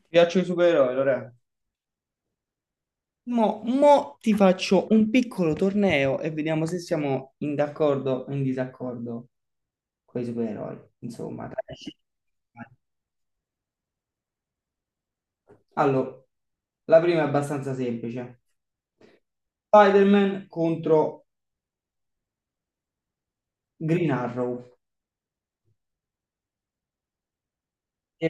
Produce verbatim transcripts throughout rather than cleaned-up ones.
Ti piacciono i supereroi, Lore? Mo, mo ti faccio un piccolo torneo e vediamo se siamo in d'accordo o in disaccordo con i supereroi. Insomma, dai. Allora, la prima è abbastanza semplice. Spider-Man contro Green Arrow. E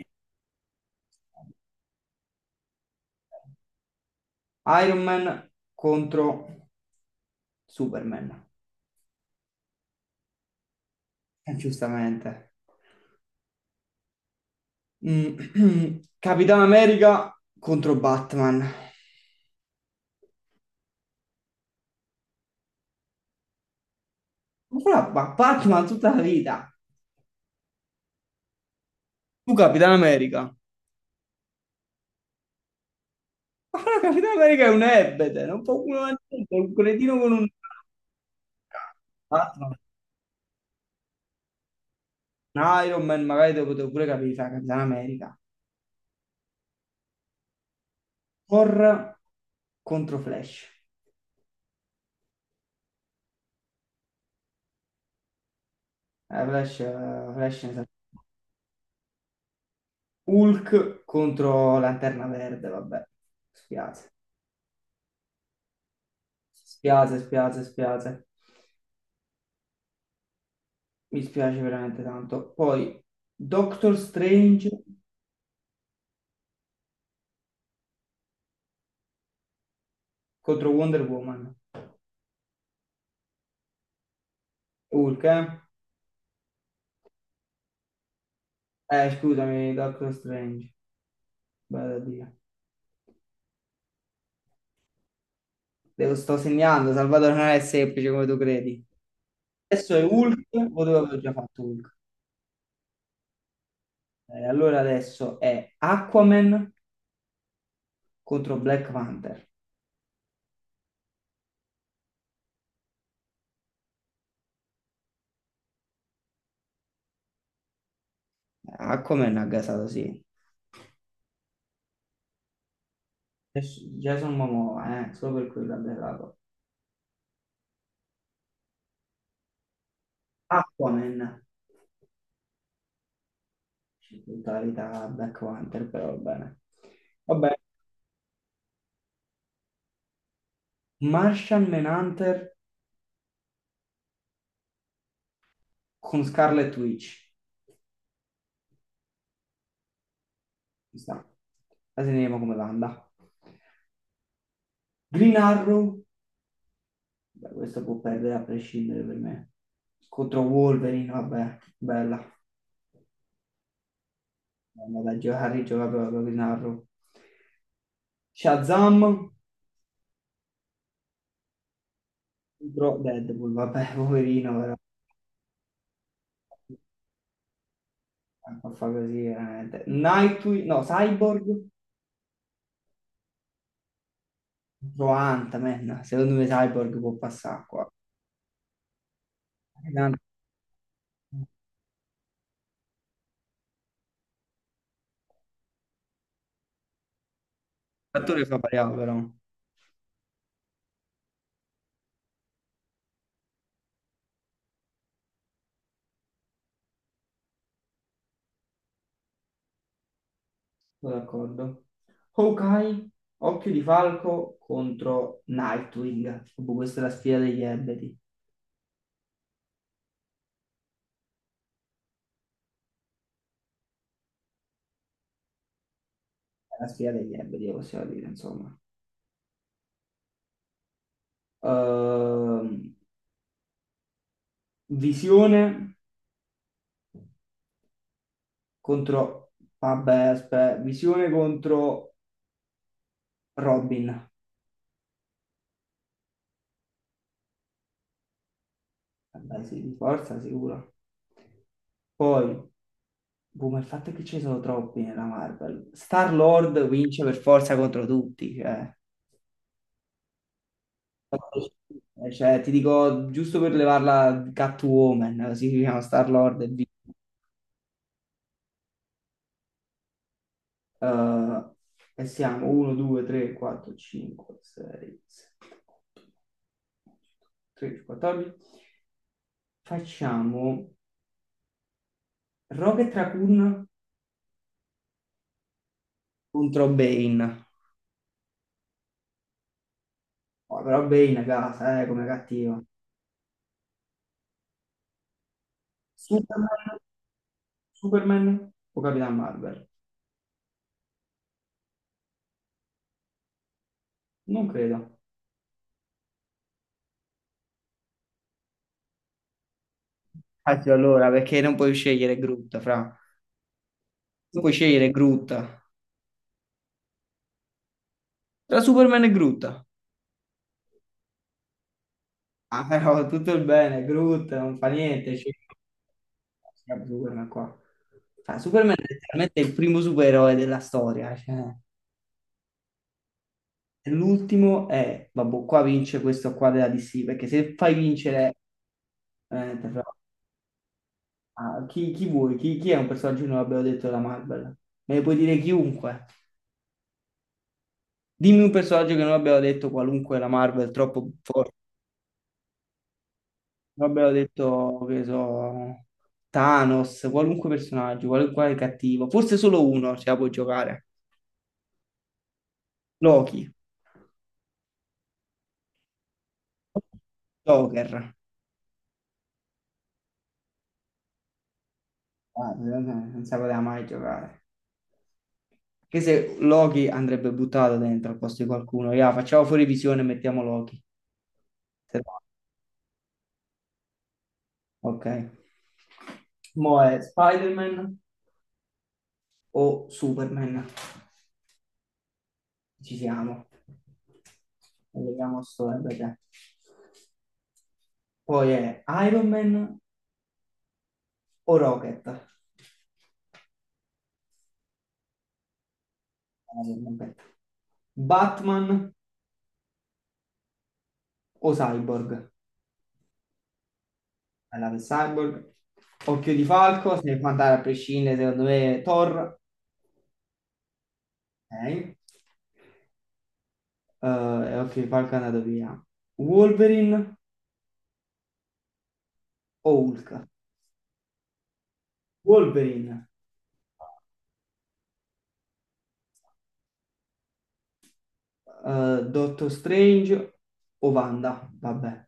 Iron Man contro Superman. Eh, Giustamente. Mm, Capitan America contro Batman. Ma fra- ma Batman tutta la vita. Tu Capitan America. Ma la Capitan America è un ebete, non può uno niente, è un cretino con un. Tra l'altro, un Iron Man magari te lo potevo pure capire, fa Capitan America. Thor contro Flash. Eh, Flash, eh, Flash ne sa- Hulk contro Lanterna Verde, vabbè. Spiace, spiace, spiace, spiace. Mi spiace veramente tanto. Poi Doctor Strange contro Wonder Woman. Hulk, eh? Eh, scusami, Doctor Strange. Vado a dire. Te lo sto segnando, Salvatore non è semplice come tu credi. Adesso è Hulk, o dove avevo già fatto Hulk. Eh, allora adesso è Aquaman contro Black Panther. Eh, Aquaman ha gasato, sì. Adesso Jason Momoa, eh, solo per quello ha gasato. Aquaman, totalità Black Panther, però va bene. Vabbè, Martian Manhunter con Scarlet Witch. Ci sta. La segniamo come l'anda. Green Arrow, beh, questo può perdere a prescindere per me. Contro Wolverine, vabbè, bella. Andiamo da Harry gioca proprio di narro. Shazam contro Deadpool, vabbè, poverino, però. A fa così, veramente. Nightwing, no, Cyborg contro Ant-Man. Secondo me Cyborg può passare qua. L'attore fa pariamo, però. Sono d'accordo. Hawkeye, Occhio di Falco contro Nightwing. Proprio questa è la sfida degli ebeti. La sfida degli ebedi, possiamo dire, insomma. Ehm, Visione contro. Vabbè, aspetta, Visione contro Robin. Vabbè, sì, di forza, sicuro. Poi, boh, ma il fatto è che ce ne sono troppi nella Marvel. Star-Lord vince per forza contro tutti, cioè. Eh, cioè, ti dico, giusto per levarla Catwoman, si chiama Star-Lord e vince. eh, e siamo uno, due, tre, quattro, cinque, sei, sette, otto, tredici, quattordici. Facciamo Rocket Raccoon contro Bane. Oh, però Bane è casa, eh, come cattiva. Superman, Superman o Capitan Marvel? Non credo. Infatti allora, perché non puoi scegliere Groot, fra. Non puoi scegliere Groot. Tra Superman e Groot. Ah, però tutto il bene, Groot, non fa niente. Cioè, Superman qua. Cioè, Superman è letteralmente il primo supereroe della storia. Cioè. E l'ultimo è, vabbè, qua vince questo qua della D C, perché se fai vincere, veramente. Fra- ah, chi, chi vuoi? Chi, chi è un personaggio che non abbiamo detto della Marvel? Me ne puoi dire chiunque. Dimmi un personaggio che non abbiamo detto qualunque la Marvel, troppo forte. Vabbè, ho detto che so, Thanos, qualunque personaggio, qualunque cattivo, forse solo uno ce la può giocare. Loki, Joker. Guarda, non non si poteva mai giocare. Che se Loki andrebbe buttato dentro al posto di qualcuno, ya, facciamo fuori visione e mettiamo Loki. Se va. Ok. Mo è Spider-Man o Superman? Ci siamo. Vediamo sto, eh, perché. Poi è Iron Man o Rocket? Rocket. Batman o Cyborg? Alla per Cyborg. Occhio di Falco, se ne può andare a prescindere, secondo me, Thor. Ok. Eh, e Occhio di Falco è andato via. Wolverine o Hulk? Wolverine. Eh, Doctor Strange o Wanda? Vabbè.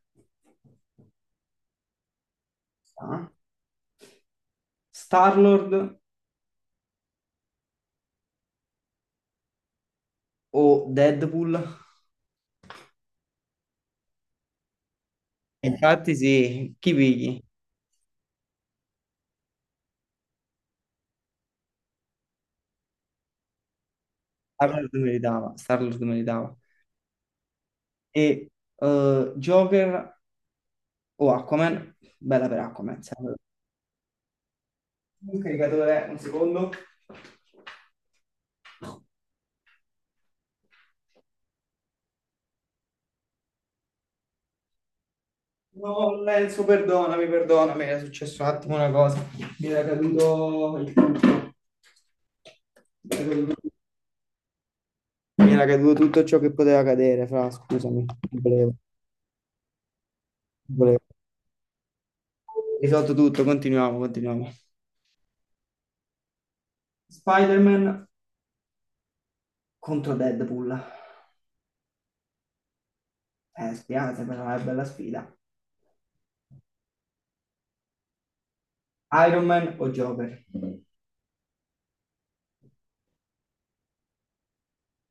Ah. Star-Lord o Deadpool? Infatti sì, chi pigli? Star-Lord meritava, Star-Lord meritava. e eh, Joker o Aquaman, bella per Aquaman, sempre. Un caricatore, un secondo. No, Lenzo, perdonami, perdonami, era successo un attimo una cosa. Mi era caduto il tutto. Mi era caduto mi era caduto tutto ciò che poteva cadere, fra, scusami, non volevo, non volevo. Risolto tutto, continuiamo, continuiamo. Spider-Man contro Deadpool. Eh, spiace, però è una bella sfida. Iron Man o Joker?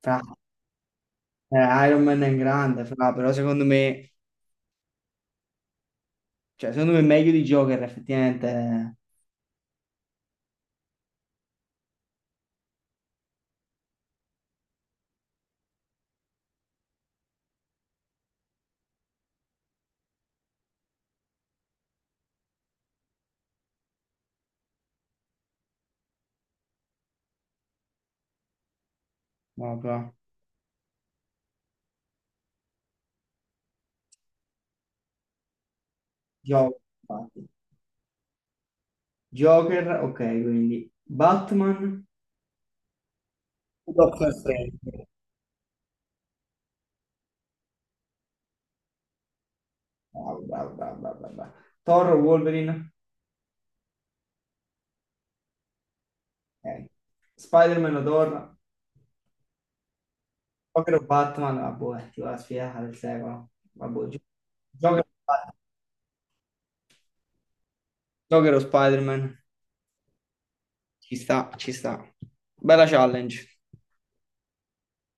Fra, Eh, Iron Man è grande, fra, però secondo me, cioè, secondo me è meglio di Joker, effettivamente. eh, No, però. Joker, infatti. Joker, ok, quindi Batman, Doctor Strange. Bravo, bravo, bravo, bravo, bravo, bravo. Thor, o Wolverine, ok. Spider-Man o Thor, Joker o Batman, vabbè, ti va la sfida del secolo. Vabbè, Gio- Joker, Joker o Spider-Man, ci sta, ci sta. Bella challenge.